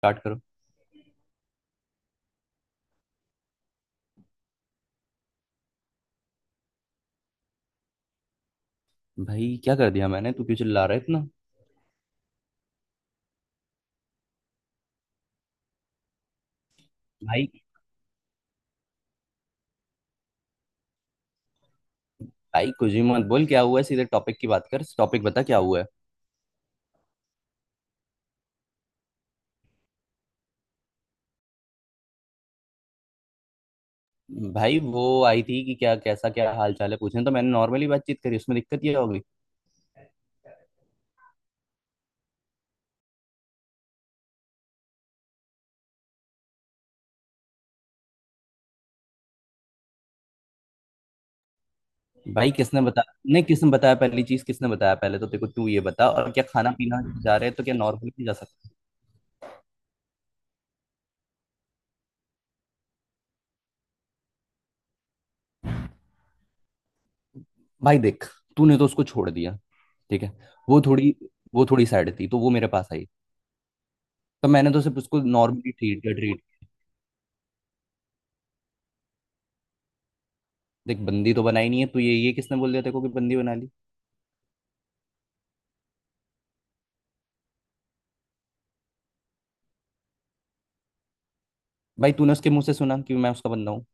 Start करो। भाई क्या कर दिया मैंने? तू क्यों चिल्ला रहा है इतना? भाई, भाई कुछ भी मत बोल। क्या हुआ है? सीधे टॉपिक की बात कर, टॉपिक बता क्या हुआ है। भाई वो आई थी कि क्या कैसा क्या हाल चाल है पूछने, तो मैंने नॉर्मली बातचीत करी, उसमें दिक्कत ये होगी? भाई किसने बता नहीं, किसने बताया पहली चीज? किसने बताया? पहले तो देखो, तू ये बता, और क्या खाना पीना जा रहे हैं तो क्या नॉर्मली भी जा सकते हैं? भाई देख, तूने तो उसको छोड़ दिया, ठीक है। वो थोड़ी वो थोड़ी सैड थी तो वो मेरे पास आई, तो मैंने तो सिर्फ उसको नॉर्मली ट्रीट किया ट्रीट देख, बंदी तो बनाई नहीं है, तो ये किसने बोल दिया तेरे को कि बंदी बना ली? भाई तूने उसके मुंह से सुना कि मैं उसका बंदा हूँ?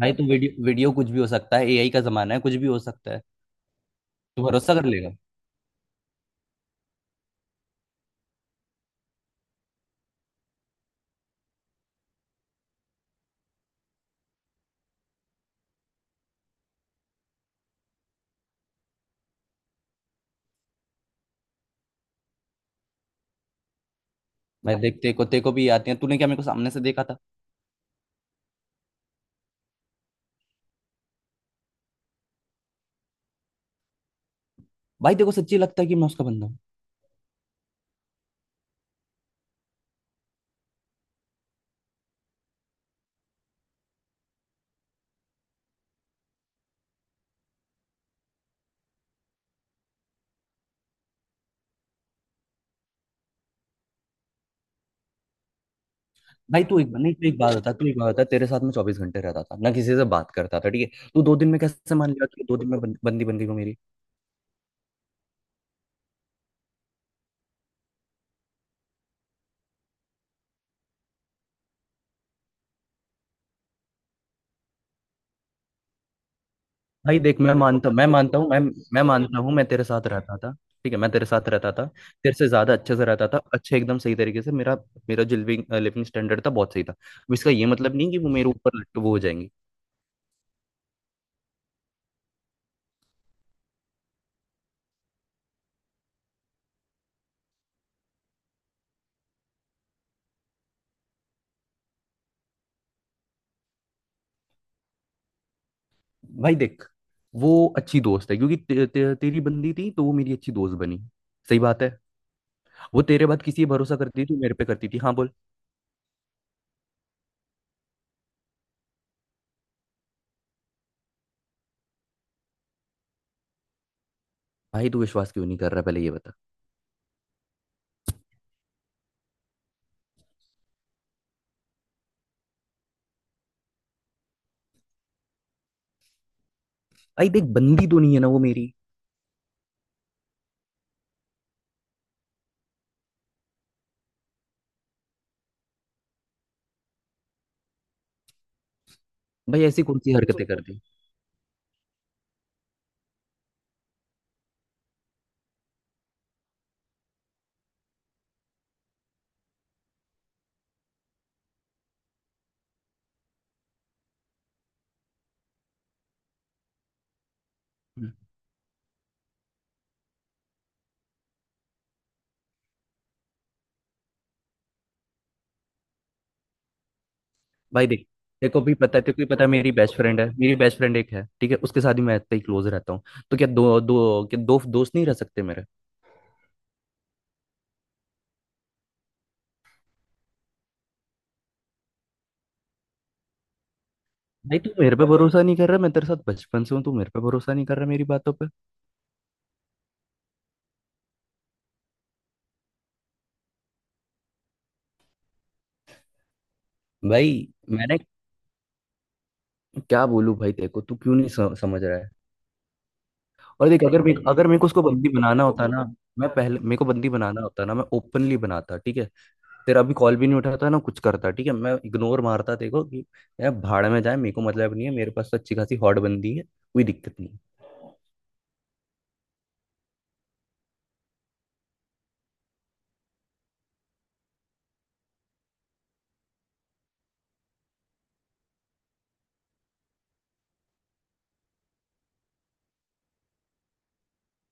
भाई तो वीडियो वीडियो कुछ भी हो सकता है, एआई का जमाना है, कुछ भी हो सकता है। तू भरोसा कर लेगा? मैं देख, तेरे को भी आती है, तूने क्या मेरे को सामने से देखा था? भाई तेरे को सच्ची लगता है कि मैं उसका बंदा हूँ? भाई तू एक नहीं तू एक बात बता तू एक बात बता, तेरे साथ में 24 घंटे रहता था ना, किसी से बात करता था? ठीक है, तू 2 दिन में कैसे मान लिया कि 2 दिन में बं- बंदी बंदी हो मेरी? भाई देख, मैं मानता हूँ मैं तेरे साथ रहता था, ठीक है मैं तेरे साथ रहता था, तेरे से ज्यादा अच्छे से रहता था, अच्छे एकदम सही तरीके से। मेरा मेरा जो लिविंग लिविंग स्टैंडर्ड था, बहुत सही था। अब इसका ये मतलब नहीं कि वो मेरे ऊपर लट वो हो जाएंगी। भाई देख, वो अच्छी दोस्त है क्योंकि ते, ते, तेरी बंदी थी तो वो मेरी अच्छी दोस्त बनी, सही बात है। वो तेरे बाद किसी पे भरोसा करती थी, तू मेरे पे करती थी। हाँ बोल। भाई तू विश्वास क्यों नहीं कर रहा? पहले ये बता। भाई देख, बंदी तो नहीं है ना वो मेरी। भाई ऐसी कौन सी हरकतें करती? भाई देख, तेरे को भी पता है मेरी बेस्ट फ्रेंड है, मेरी बेस्ट फ्रेंड एक है, ठीक है, उसके साथ ही मैं इतना ही क्लोज रहता हूँ। तो क्या दो दो क्या दो दोस्त नहीं रह सकते मेरे? भाई तू मेरे पे भरोसा नहीं कर रहा मैं तेरे साथ बचपन से हूँ, तू मेरे पे भरोसा नहीं कर रहा मेरी बातों पे। भाई मैंने क्या बोलूं भाई तेरे को? तू क्यों नहीं समझ रहा है? और देख, अगर मेरे को उसको बंदी बनाना होता ना, मैं पहले मेरे को बंदी बनाना होता ना, मैं ओपनली बनाता, ठीक है। तेरा अभी कॉल भी नहीं उठाता, ना कुछ करता, ठीक है, मैं इग्नोर मारता, देखो कि यार भाड़ में जाए, मेरे को मतलब नहीं है। मेरे पास तो अच्छी खासी हॉट बंदी है, कोई दिक्कत नहीं है।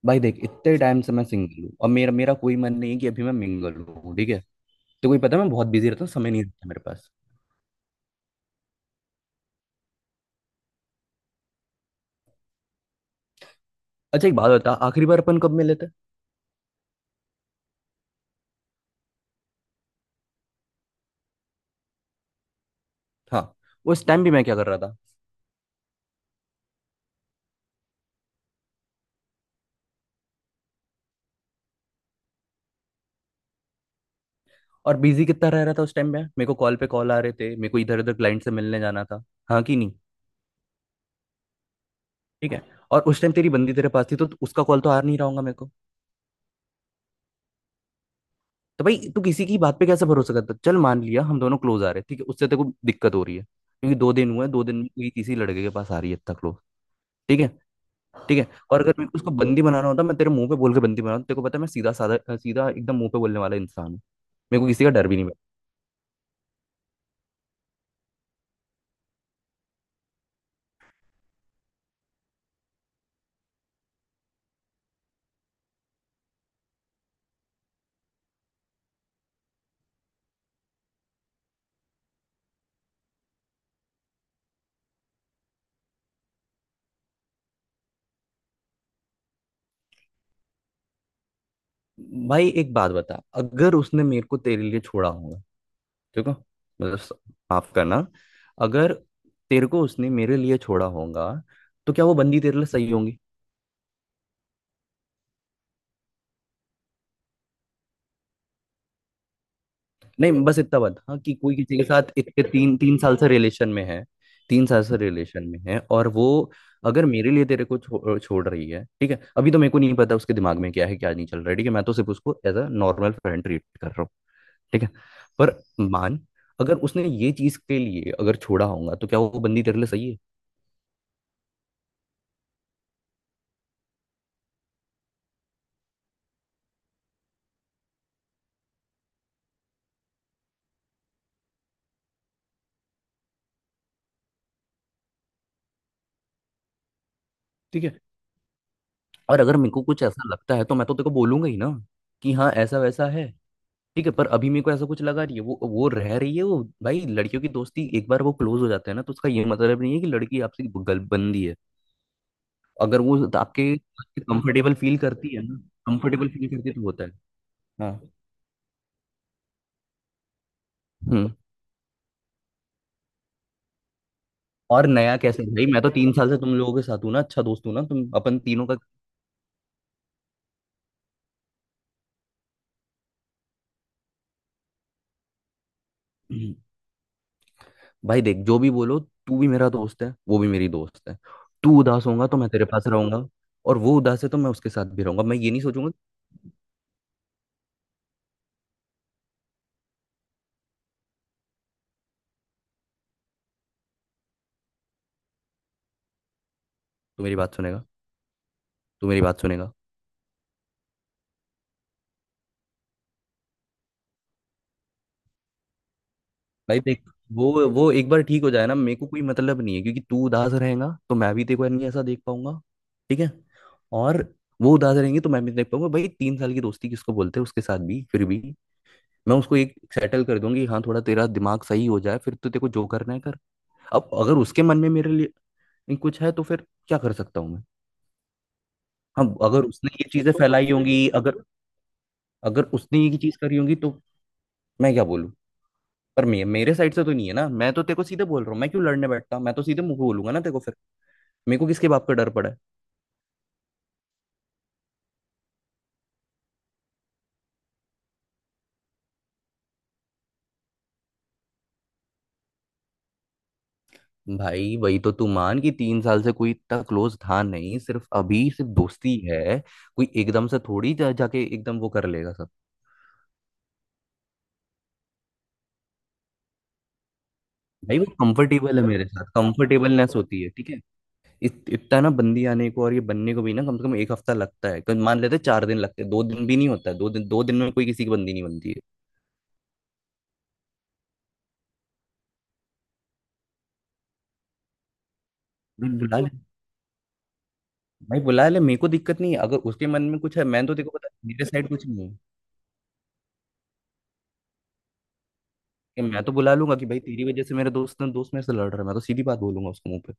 भाई देख, इतने टाइम से मैं सिंगल हूँ, और मेरा मेरा कोई मन नहीं है कि अभी मैं मिंगल हूँ, ठीक है। तो कोई पता है, मैं बहुत बिजी रहता हूँ, समय नहीं रहता मेरे पास। अच्छा एक बात बता, आखिरी बार अपन कब मिले थे? हाँ, उस टाइम भी मैं क्या कर रहा था? और बिजी कितना रह रहा था उस टाइम में? मेरे को कॉल पे कॉल आ रहे थे, मेरे को इधर उधर क्लाइंट से मिलने जाना था, हाँ कि नहीं? ठीक है, और उस टाइम तेरी बंदी तेरे पास थी, तो उसका कॉल तो आ नहीं रहा होगा मेरे को? तो भाई तू किसी की बात पे कैसे भरोसा करता? चल मान लिया हम दोनों क्लोज आ रहे, ठीक है, उससे तेरे को दिक्कत हो रही है क्योंकि 2 दिन हुए, 2 दिन में कोई किसी लड़के के पास आ रही है इतना क्लोज, ठीक है। ठीक है, और अगर मेरे को उसको बंदी बनाना होता, मैं तेरे मुंह पे बोल के बंदी बनाता। तेरे को पता है मैं सीधा साधा सीधा एकदम मुंह पे बोलने वाला इंसान हूँ, मेरे को किसी का डर भी नहीं। भाई एक बात बता, अगर उसने मेरे को तेरे लिए छोड़ा होगा, ठीक है, माफ करना, अगर तेरे को उसने मेरे लिए छोड़ा होगा, तो क्या वो बंदी तेरे लिए सही होंगी? नहीं, बस इतना बता, हाँ, कि कोई किसी के साथ इतने 3-3 साल से रिलेशन में है, 3 साल से रिलेशन में है और वो अगर मेरे लिए तेरे को छोड़ रही है, ठीक है, अभी तो मेरे को नहीं पता उसके दिमाग में क्या है, क्या नहीं चल रहा है, ठीक है। मैं तो सिर्फ उसको as a normal friend treat कर रहा हूँ, ठीक है। पर मान, अगर उसने ये चीज के लिए अगर छोड़ा होगा तो क्या वो बंदी तेरे लिए सही है? ठीक है, और अगर मेरे को कुछ ऐसा लगता है तो मैं तो तेरे को बोलूंगा ही ना कि हाँ ऐसा वैसा है, ठीक है। पर अभी मेरे को ऐसा कुछ लगा रही है वो रह रही है। वो भाई, लड़कियों की दोस्ती एक बार वो क्लोज हो जाते हैं ना, तो उसका ये मतलब नहीं है कि लड़की आपसे गलबंदी है। अगर वो आपके कंफर्टेबल फील करती है ना, कंफर्टेबल फील करती है तो होता है। हाँ। हम्म। और नया कैसे? भाई मैं तो 3 साल से तुम लोगों के साथ हूँ ना, अच्छा दोस्त हूँ ना, तुम अपन तीनों का। भाई देख, जो भी बोलो, तू भी मेरा दोस्त है, वो भी मेरी दोस्त है। तू उदास होगा तो मैं तेरे पास रहूंगा, और वो उदास है तो मैं उसके साथ भी रहूंगा, मैं ये नहीं सोचूंगा। तू मेरी बात सुनेगा? तू मेरी बात सुनेगा? भाई देख, वो एक बार ठीक हो जाए ना, मेरे को कोई मतलब नहीं है, क्योंकि तू उदास रहेगा तो मैं भी तेरे को नहीं ऐसा देख पाऊंगा, ठीक है। और वो उदास रहेंगे तो मैं भी देख पाऊंगा। भाई 3 साल की दोस्ती किसको बोलते हैं? उसके साथ भी फिर भी मैं उसको एक सेटल कर दूंगी, हाँ, थोड़ा तेरा दिमाग सही हो जाए, फिर तो तेरे को जो करना है कर। अब अगर उसके मन में मेरे लिए नहीं कुछ है तो फिर क्या कर सकता हूँ मैं? हम, अगर उसने ये चीजें तो फैलाई होंगी, अगर अगर उसने ये चीज करी होंगी तो मैं क्या बोलूँ? पर मेरे साइड से तो नहीं है ना। मैं तो तेरे को सीधे बोल रहा हूँ, मैं क्यों लड़ने बैठता? मैं तो सीधे मुंह को बोलूंगा ना तेरे को फिर, मेरे को किसके बाप का डर पड़ा है? भाई वही तो तू मान, कि तीन साल से कोई इतना क्लोज था नहीं, सिर्फ अभी सिर्फ दोस्ती है। कोई एकदम से थोड़ी जाके एकदम वो कर लेगा सब। भाई वो कंफर्टेबल है मेरे साथ, कंफर्टेबलनेस होती है, ठीक है। इतना ना बंदी आने को और ये बनने को भी ना, कम से कम एक हफ्ता लगता है, मान लेते हैं 4 दिन लगते हैं, 2 दिन भी नहीं होता है, 2 दिन में कोई किसी की बंदी नहीं बनती है। भाई बुला ले, भाई बुला ले, मेरे को दिक्कत नहीं है। अगर उसके मन में कुछ है, मैं तो देखो, पता है, मेरे साइड कुछ नहीं है। कि मैं तो बुला लूंगा, कि भाई तेरी वजह से मेरे दोस्त मेरे से लड़ रहा है, मैं तो सीधी बात बोलूंगा उसको मुंह पे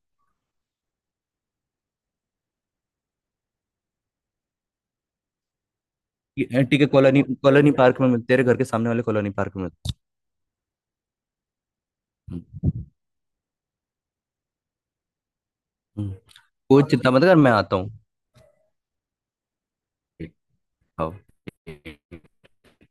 कि, "ए, ठीक है, कॉलोनी कॉलोनी पार्क में मिलते, तेरे घर के सामने वाले कॉलोनी पार्क में मिलते हैं।" हम्म। हम्म। कोई चिंता मत कर, मैं आता हूँ। ठीक, हाँ।